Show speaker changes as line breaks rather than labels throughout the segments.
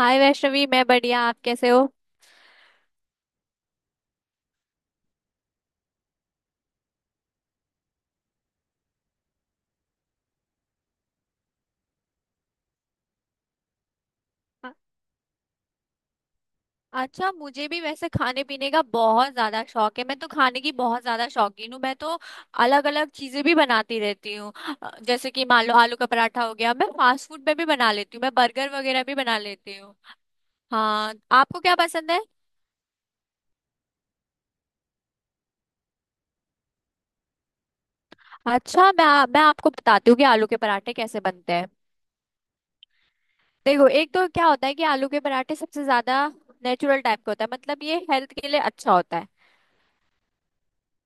हाय वैष्णवी, मैं बढ़िया। आप कैसे हो? अ- अच्छा, मुझे भी वैसे खाने पीने का बहुत ज्यादा शौक है। मैं तो खाने की बहुत ज्यादा शौकीन हूँ। मैं तो अलग अलग चीजें भी बनाती रहती हूँ। जैसे कि मान लो आलू का पराठा हो गया। मैं फास्ट फूड में भी बना लेती हूँ, मैं बर्गर वगैरह भी बना लेती हूँ। हाँ, आपको क्या पसंद है? अच्छा, मैं आपको बताती हूँ कि आलू के पराठे कैसे बनते हैं। देखो, एक तो क्या होता है कि आलू के पराठे सबसे ज्यादा नेचुरल टाइप का होता है। मतलब ये हेल्थ के लिए अच्छा होता है।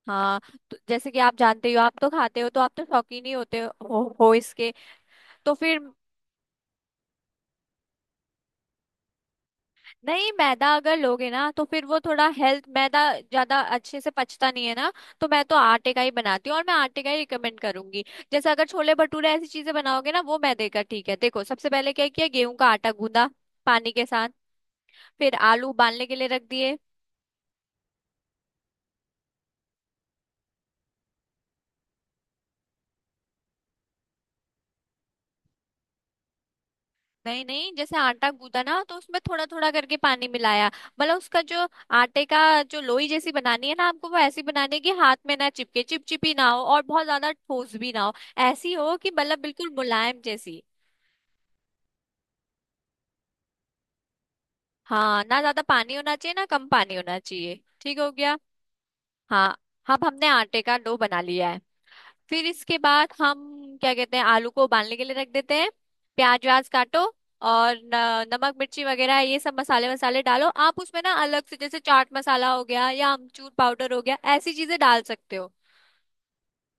हाँ, तो जैसे कि आप जानते ही हो, आप तो खाते हो, तो आप तो शौकीन ही होते हो इसके। तो फिर नहीं, मैदा अगर लोगे ना तो फिर वो थोड़ा हेल्थ, मैदा ज्यादा अच्छे से पचता नहीं है ना। तो मैं तो आटे का ही बनाती हूँ और मैं आटे का ही रिकमेंड करूंगी। जैसे अगर छोले भटूरे ऐसी चीजें बनाओगे ना, वो मैदे का ठीक है। देखो, सबसे पहले क्या किया, गेहूं का आटा गूंदा पानी के साथ। फिर आलू उबालने के लिए रख दिए। नहीं नहीं, जैसे आटा गूंदा ना, तो उसमें थोड़ा थोड़ा करके पानी मिलाया। मतलब उसका जो आटे का जो लोई जैसी बनानी है ना आपको, वो ऐसी बनानी है कि हाथ में ना चिपके, चिपचिपी ना हो और बहुत ज्यादा ठोस भी ना हो। ऐसी हो कि मतलब बिल्कुल मुलायम जैसी। हाँ, ना ज्यादा पानी होना चाहिए, ना कम पानी होना चाहिए। ठीक हो गया। हाँ, अब हमने आटे का डो बना लिया है। फिर इसके बाद हम क्या कहते हैं, आलू को उबालने के लिए रख देते हैं। प्याज व्याज काटो और नमक मिर्ची वगैरह ये सब मसाले वसाले डालो। आप उसमें ना अलग से, जैसे चाट मसाला हो गया या अमचूर पाउडर हो गया, ऐसी चीजें डाल सकते हो।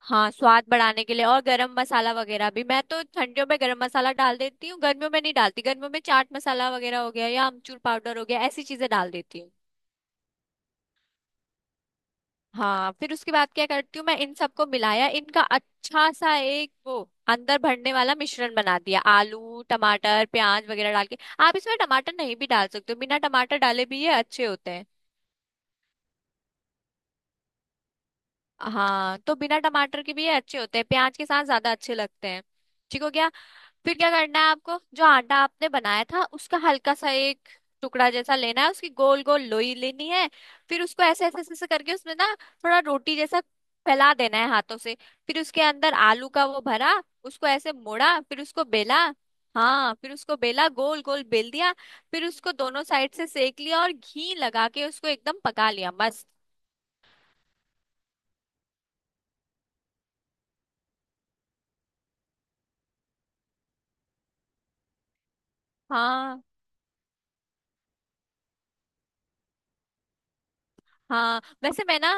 हाँ, स्वाद बढ़ाने के लिए। और गरम मसाला वगैरह भी, मैं तो ठंडियों में गरम मसाला डाल देती हूँ, गर्मियों में नहीं डालती। गर्मियों में चाट मसाला वगैरह हो गया या अमचूर पाउडर हो गया, ऐसी चीजें डाल देती हूँ। हाँ, फिर उसके बाद क्या करती हूँ मैं, इन सबको मिलाया, इनका अच्छा सा एक वो अंदर भरने वाला मिश्रण बना दिया, आलू टमाटर प्याज वगैरह डाल के। आप इसमें टमाटर नहीं भी डाल सकते हो, बिना टमाटर डाले भी ये अच्छे होते हैं। हाँ, तो बिना टमाटर के भी ये अच्छे होते हैं। प्याज के साथ ज्यादा अच्छे लगते हैं। ठीक हो गया। फिर क्या करना है, आपको जो आटा आपने बनाया था उसका हल्का सा एक टुकड़ा जैसा लेना है, उसकी गोल गोल लोई लेनी है। फिर उसको ऐसे ऐसे ऐसे ऐसे करके उसमें ना थोड़ा रोटी जैसा फैला देना है हाथों से। फिर उसके अंदर आलू का वो भरा, उसको ऐसे मोड़ा, फिर उसको बेला। हाँ, फिर उसको बेला, गोल गोल बेल दिया। फिर उसको दोनों साइड से सेक लिया और घी लगा के उसको एकदम पका लिया, मस्त। हाँ। हाँ, वैसे मैं ना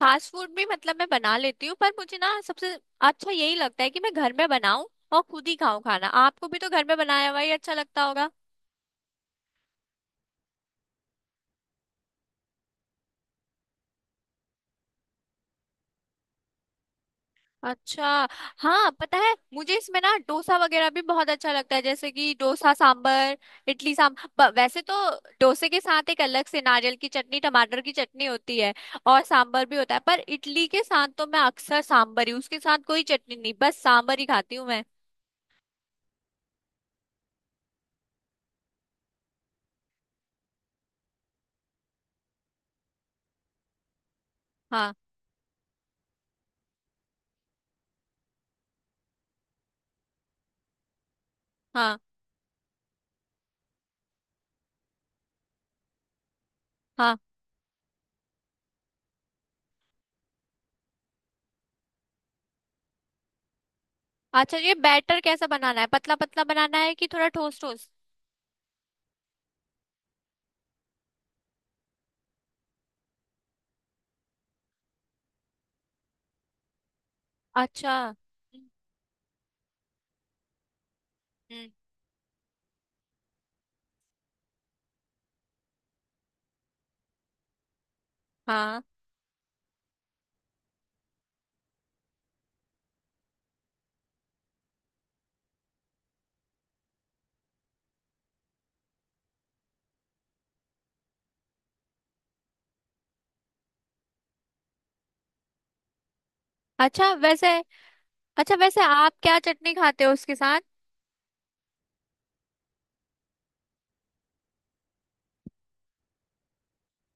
फास्ट फूड भी मतलब मैं बना लेती हूँ, पर मुझे ना सबसे अच्छा यही लगता है कि मैं घर में बनाऊं और खुद ही खाऊं खाना। आपको भी तो घर में बनाया हुआ ही अच्छा लगता होगा। अच्छा। हाँ, पता है, मुझे इसमें ना डोसा वगैरह भी बहुत अच्छा लगता है, जैसे कि डोसा सांबर, इडली सांबर। वैसे तो डोसे के साथ एक अलग से नारियल की चटनी, टमाटर की चटनी होती है और सांबर भी होता है, पर इडली के साथ तो मैं अक्सर सांबर ही, उसके साथ कोई चटनी नहीं, बस सांबर ही खाती हूँ मैं। हाँ। हाँ। हाँ। अच्छा, ये बैटर कैसा बनाना है, पतला पतला बनाना है कि थोड़ा ठोस ठोस? अच्छा। हम्म। हाँ। अच्छा, वैसे आप क्या चटनी खाते हो उसके साथ?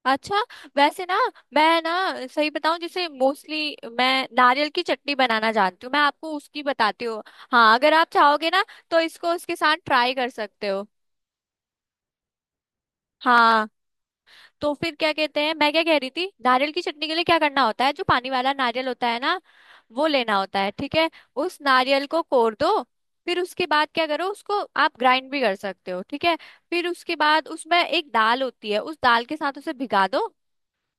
अच्छा, वैसे ना मैं ना सही बताऊं, जैसे मोस्टली मैं नारियल की चटनी बनाना जानती हूँ। मैं आपको उसकी बताती हूँ। हाँ, अगर आप चाहोगे ना तो इसको उसके साथ ट्राई कर सकते हो। हाँ। तो फिर क्या कहते हैं, मैं क्या कह रही थी, नारियल की चटनी के लिए क्या करना होता है, जो पानी वाला नारियल होता है ना, वो लेना होता है। ठीक है। उस नारियल को कोर दो। फिर उसके बाद क्या करो, उसको आप ग्राइंड भी कर सकते हो। ठीक है। फिर उसके बाद उसमें एक दाल होती है, उस दाल के साथ उसे भिगा दो,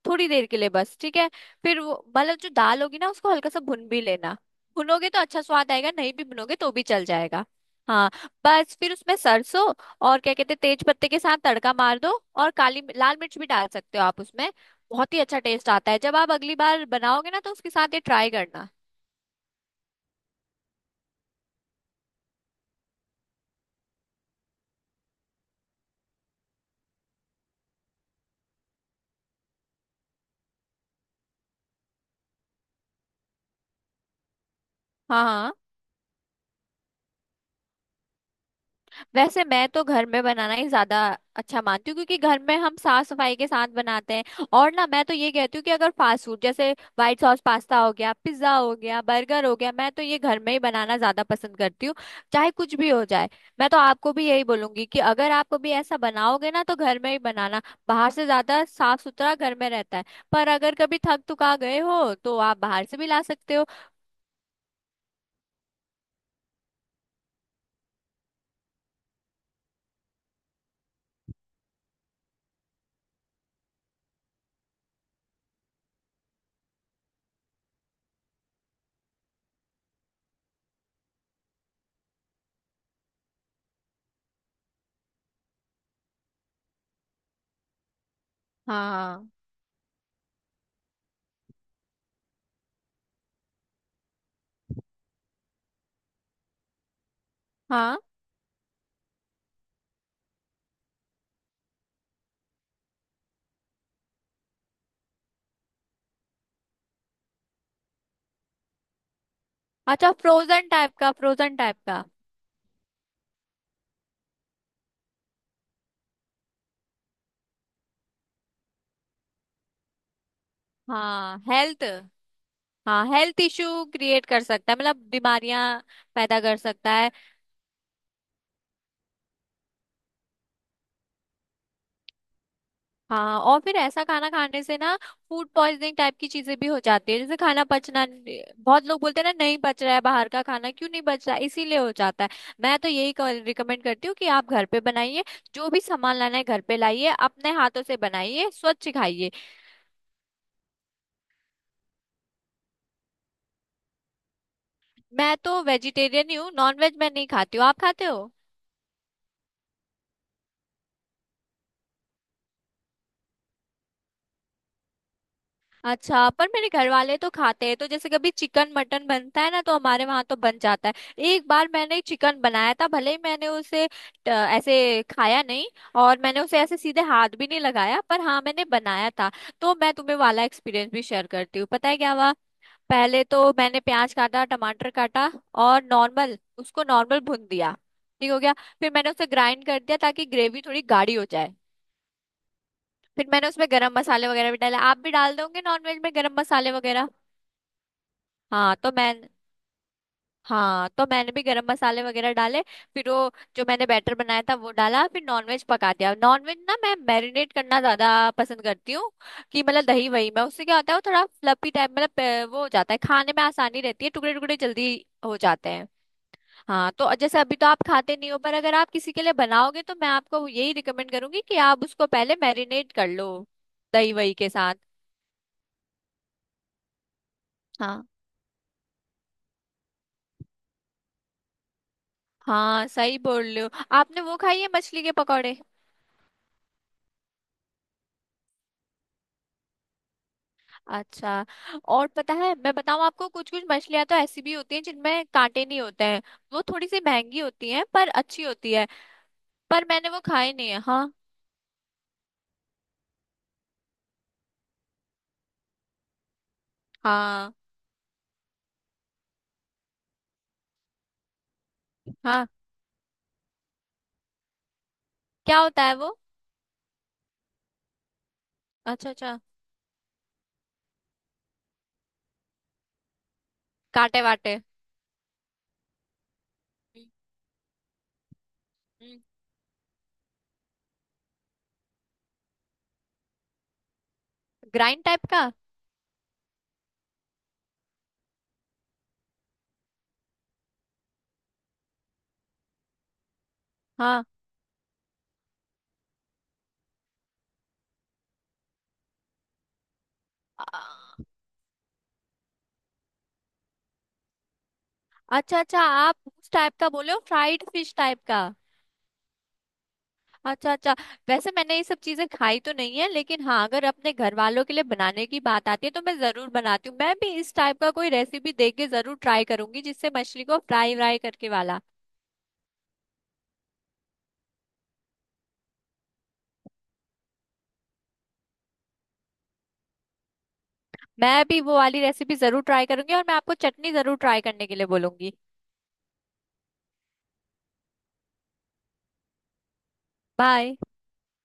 थोड़ी देर के लिए बस। ठीक है। फिर वो मतलब जो दाल होगी ना, उसको हल्का सा भुन भी लेना। भुनोगे तो अच्छा स्वाद आएगा, नहीं भी भुनोगे तो भी चल जाएगा। हाँ। बस फिर उसमें सरसों और क्या कहते हैं तेज पत्ते के साथ तड़का मार दो। और काली लाल मिर्च भी डाल सकते हो आप उसमें। बहुत ही अच्छा टेस्ट आता है। जब आप अगली बार बनाओगे ना तो उसके साथ ये ट्राई करना। हाँ। हाँ, वैसे मैं तो घर में बनाना ही ज्यादा अच्छा मानती हूँ, क्योंकि घर में हम साफ सफाई के साथ बनाते हैं। और ना मैं तो ये कहती हूँ कि अगर फास्ट फूड, जैसे व्हाइट सॉस पास्ता हो गया, पिज्जा हो गया, बर्गर हो गया, मैं तो ये घर में ही बनाना ज्यादा पसंद करती हूँ, चाहे कुछ भी हो जाए। मैं तो आपको भी यही बोलूंगी कि अगर आप कभी ऐसा बनाओगे ना तो घर में ही बनाना। बाहर से ज्यादा साफ सुथरा घर में रहता है। पर अगर कभी थक थका गए हो तो आप बाहर से भी ला सकते हो। हाँ। हाँ, अच्छा, फ्रोजन टाइप का, फ्रोजन टाइप का। हाँ, हेल्थ। हाँ, हेल्थ इश्यू क्रिएट कर सकता है, मतलब बीमारियां पैदा कर सकता है। हाँ, और फिर ऐसा खाना खाने से ना फूड पॉइजनिंग टाइप की चीजें भी हो जाती है, जैसे खाना पचना। बहुत लोग बोलते हैं ना, नहीं पच रहा है बाहर का खाना, क्यों नहीं पच रहा है? इसीलिए हो जाता है। मैं तो यही रिकमेंड करती हूँ कि आप घर पे बनाइए, जो भी सामान लाना है घर पे लाइए, अपने हाथों से बनाइए, स्वच्छ खाइए। मैं तो वेजिटेरियन ही हूँ, नॉन वेज मैं नहीं खाती हूँ। आप खाते हो? अच्छा, पर मेरे घर वाले तो खाते हैं, तो जैसे कभी चिकन मटन बनता है ना, तो हमारे वहां तो बन जाता है। एक बार मैंने चिकन बनाया था, भले ही मैंने उसे ऐसे खाया नहीं और मैंने उसे ऐसे सीधे हाथ भी नहीं लगाया, पर हाँ, मैंने बनाया था। तो मैं तुम्हें वाला एक्सपीरियंस भी शेयर करती हूँ, पता है क्या हुआ। पहले तो मैंने प्याज काटा, टमाटर काटा और नॉर्मल, उसको नॉर्मल भून दिया। ठीक हो गया। फिर मैंने उसे ग्राइंड कर दिया ताकि ग्रेवी थोड़ी गाढ़ी हो जाए। फिर मैंने उसमें गरम मसाले वगैरह भी डाले। आप भी डाल दोगे नॉनवेज में गरम मसाले वगैरह। हाँ, तो मैं हाँ, तो मैंने भी गरम मसाले वगैरह डाले। फिर वो जो मैंने बैटर बनाया था वो डाला, फिर नॉनवेज पका दिया। नॉनवेज ना मैं मैरिनेट करना ज्यादा पसंद करती हूँ, कि मतलब दही वही, मैं उससे क्या होता है वो थोड़ा फ्लफी टाइप, मतलब वो हो जाता है, खाने में आसानी रहती है, टुकड़े टुकड़े जल्दी हो जाते हैं। हाँ, तो जैसे अभी तो आप खाते नहीं हो, पर अगर आप किसी के लिए बनाओगे तो मैं आपको यही रिकमेंड करूंगी कि आप उसको पहले मैरिनेट कर लो दही वही के साथ। हाँ। हाँ, सही बोल रहे हो। आपने वो खाई है, मछली के पकौड़े? अच्छा। और पता है, मैं बताऊं आपको, कुछ कुछ मछलियां तो ऐसी भी होती हैं जिनमें कांटे नहीं होते हैं। वो थोड़ी सी महंगी होती हैं पर अच्छी होती है। पर मैंने वो खाई नहीं है। हाँ। हाँ। हाँ, क्या होता है वो? अच्छा अच्छा, कांटे वाटे। ग्राइंड टाइप का। हाँ। अ- अच्छा अच्छा, आप उस टाइप का बोले हो, फ्राइड फिश टाइप का। अच्छा अच्छा। वैसे मैंने ये सब चीजें खाई तो नहीं है, लेकिन हाँ, अगर अपने घर वालों के लिए बनाने की बात आती है तो मैं जरूर बनाती हूँ। मैं भी इस टाइप का कोई रेसिपी देख के जरूर ट्राई करूंगी, जिससे मछली को फ्राई व्राई करके वाला। मैं भी वो वाली रेसिपी जरूर ट्राई करूंगी और मैं आपको चटनी जरूर ट्राई करने के लिए बोलूंगी। बाय।